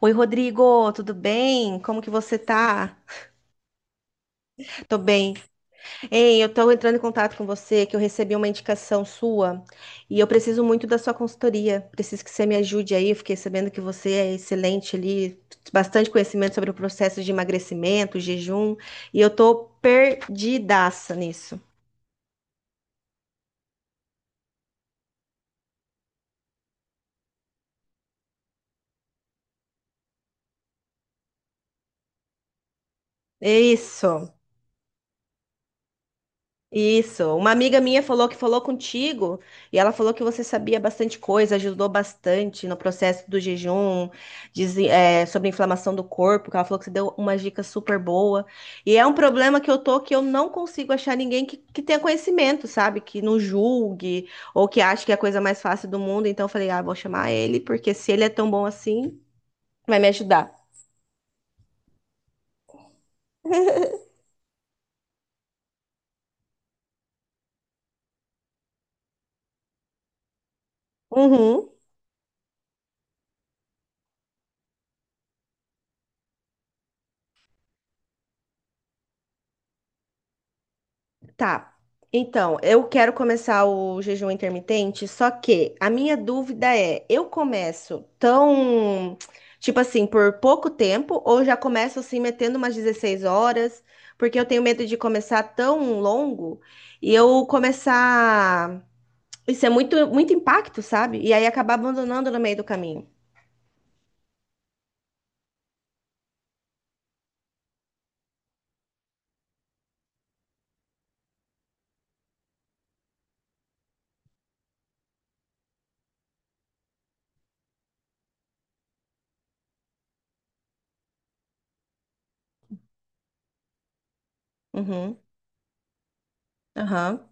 Oi, Rodrigo, tudo bem? Como que você tá? Tô bem. Ei, eu tô entrando em contato com você que eu recebi uma indicação sua e eu preciso muito da sua consultoria. Preciso que você me ajude aí. Eu fiquei sabendo que você é excelente ali, bastante conhecimento sobre o processo de emagrecimento, jejum, e eu tô perdidaça nisso. É isso. Isso. Uma amiga minha falou que falou contigo e ela falou que você sabia bastante coisa, ajudou bastante no processo do jejum, diz, sobre a inflamação do corpo, que ela falou que você deu uma dica super boa. E é um problema que eu tô que eu não consigo achar ninguém que tenha conhecimento, sabe? Que não julgue ou que ache que é a coisa mais fácil do mundo. Então eu falei, ah, vou chamar ele, porque se ele é tão bom assim, vai me ajudar. Uhum. Tá. Então, eu quero começar o jejum intermitente, só que a minha dúvida é, eu começo tão, tipo assim, por pouco tempo ou já começo assim metendo umas 16 horas? Porque eu tenho medo de começar tão longo e eu começar, isso é muito muito impacto, sabe? E aí acabar abandonando no meio do caminho. Uhum. Aham.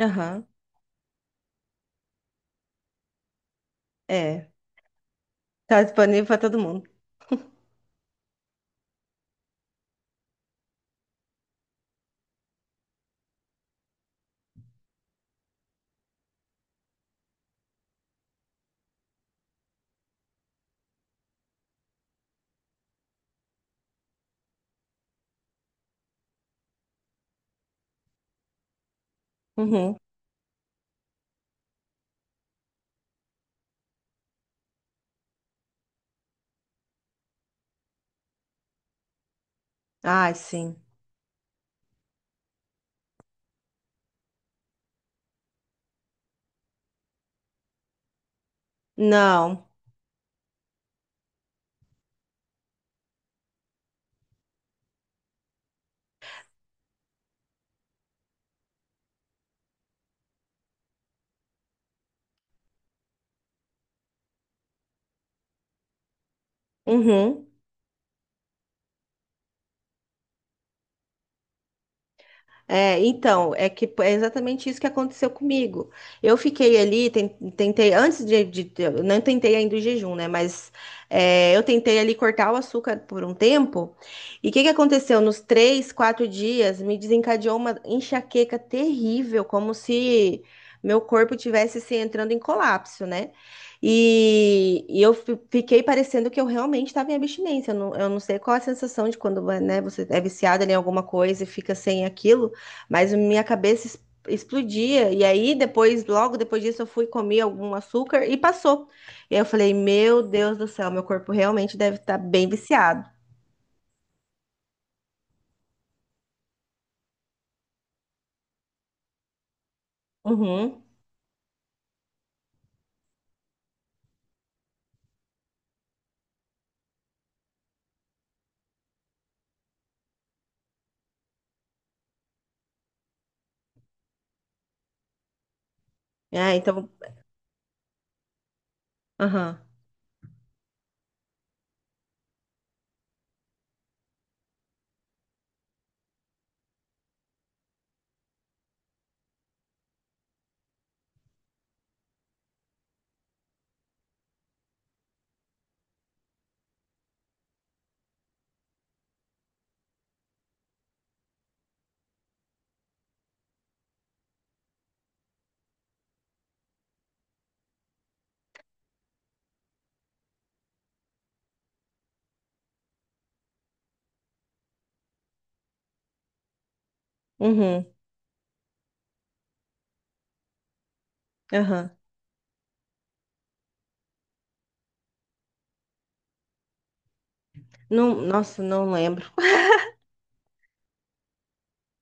Aham. É. Tá disponível para todo mundo. Uhum. Ai, sim. Não. Uhum. É que é exatamente isso que aconteceu comigo. Eu fiquei ali, tentei, eu não tentei ainda o jejum, né? Mas eu tentei ali cortar o açúcar por um tempo. E o que que aconteceu? Nos três, quatro dias, me desencadeou uma enxaqueca terrível, como se meu corpo tivesse assim, entrando em colapso, né? E eu fiquei parecendo que eu realmente estava em abstinência. Eu não sei qual é a sensação de quando, né, você é viciada ali em alguma coisa e fica sem aquilo. Mas a minha cabeça explodia. E aí, depois, logo depois disso, eu fui comer algum açúcar e passou. E aí eu falei, meu Deus do céu, meu corpo realmente deve estar bem viciado. Uhum. É, então. Aham. Uhum. Aham. Não, nossa, não lembro.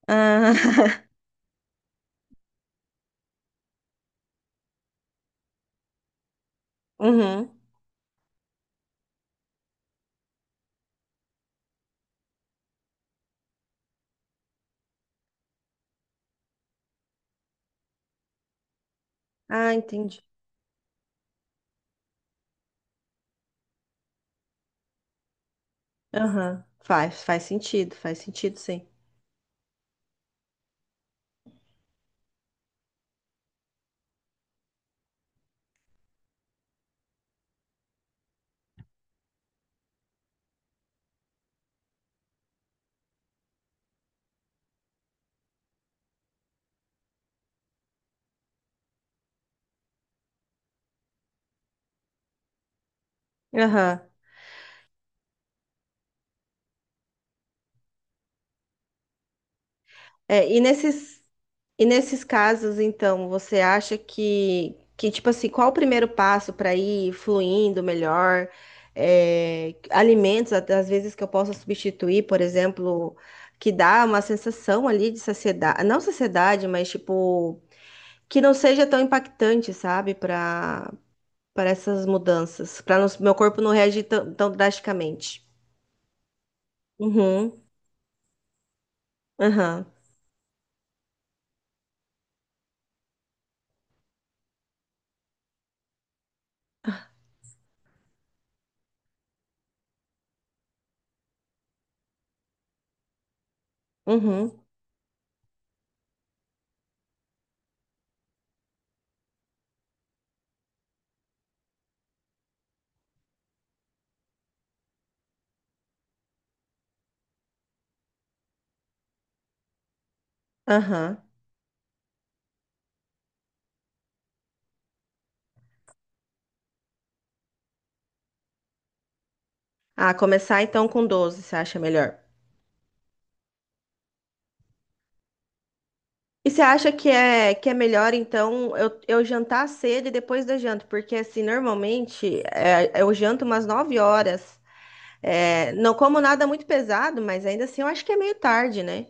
Ah, uhum. Ah, entendi. Aham. Faz, faz sentido, sim. Aham. É, e nesses, e nesses casos, então, você acha que tipo assim, qual o primeiro passo para ir fluindo melhor? Alimentos, até às vezes, que eu possa substituir, por exemplo, que dá uma sensação ali de saciedade, não saciedade, mas tipo, que não seja tão impactante, sabe, para para essas mudanças, para meu corpo não reagir tão, tão drasticamente. Uhum, aham, uhum, aham. Ah, começar então com 12, você acha melhor? E você acha que é melhor, então, eu jantar cedo e depois da janta? Porque, assim, eu janto umas 9 horas. Não como nada muito pesado, mas ainda assim eu acho que é meio tarde, né?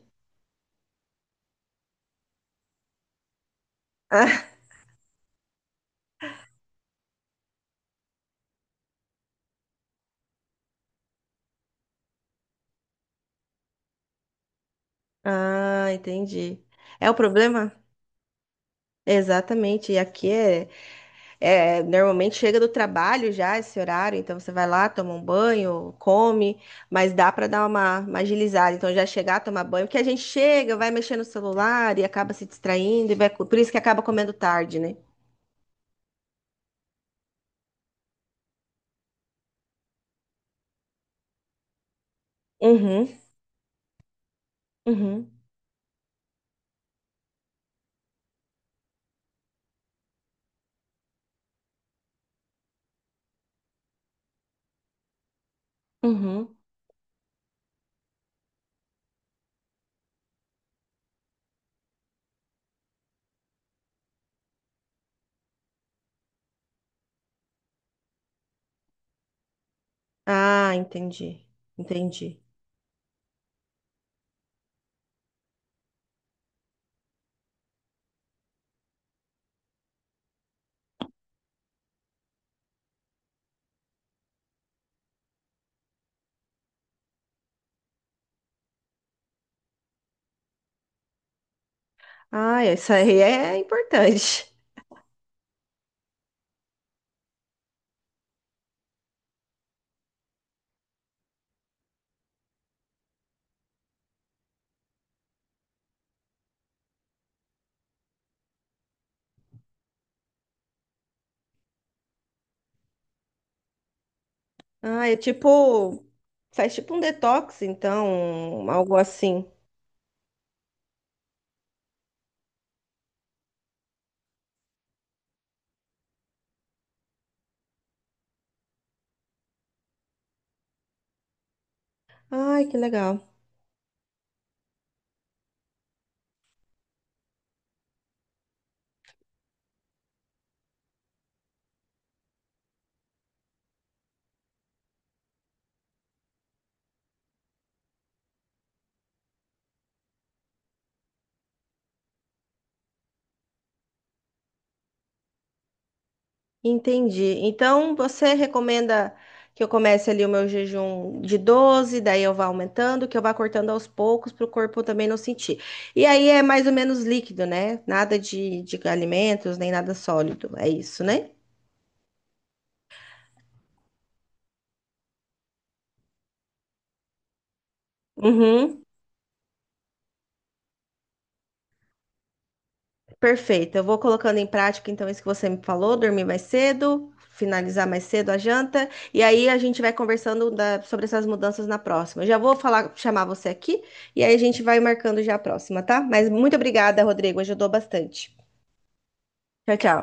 Ah, entendi. É o problema? Exatamente. E aqui é. É, normalmente chega do trabalho já esse horário, então você vai lá, toma um banho, come, mas dá para dar uma agilizada. Então já chegar, tomar banho, porque a gente chega, vai mexer no celular e acaba se distraindo, e vai, por isso que acaba comendo tarde, né? Uhum, uhum, uhum. Ah, entendi, entendi. Ah, isso aí é importante. Ah, é tipo, faz tipo um detox, então, algo assim. Ai, que legal. Entendi. Então, você recomenda que eu comece ali o meu jejum de 12, daí eu vá aumentando, que eu vá cortando aos poucos para o corpo também não sentir. E aí é mais ou menos líquido, né? Nada de alimentos, nem nada sólido. É isso, né? Uhum. Perfeito. Eu vou colocando em prática então isso que você me falou, dormir mais cedo, finalizar mais cedo a janta, e aí a gente vai conversando sobre essas mudanças na próxima. Eu já vou falar, chamar você aqui e aí a gente vai marcando já a próxima, tá? Mas muito obrigada, Rodrigo, ajudou bastante. Tchau, tchau.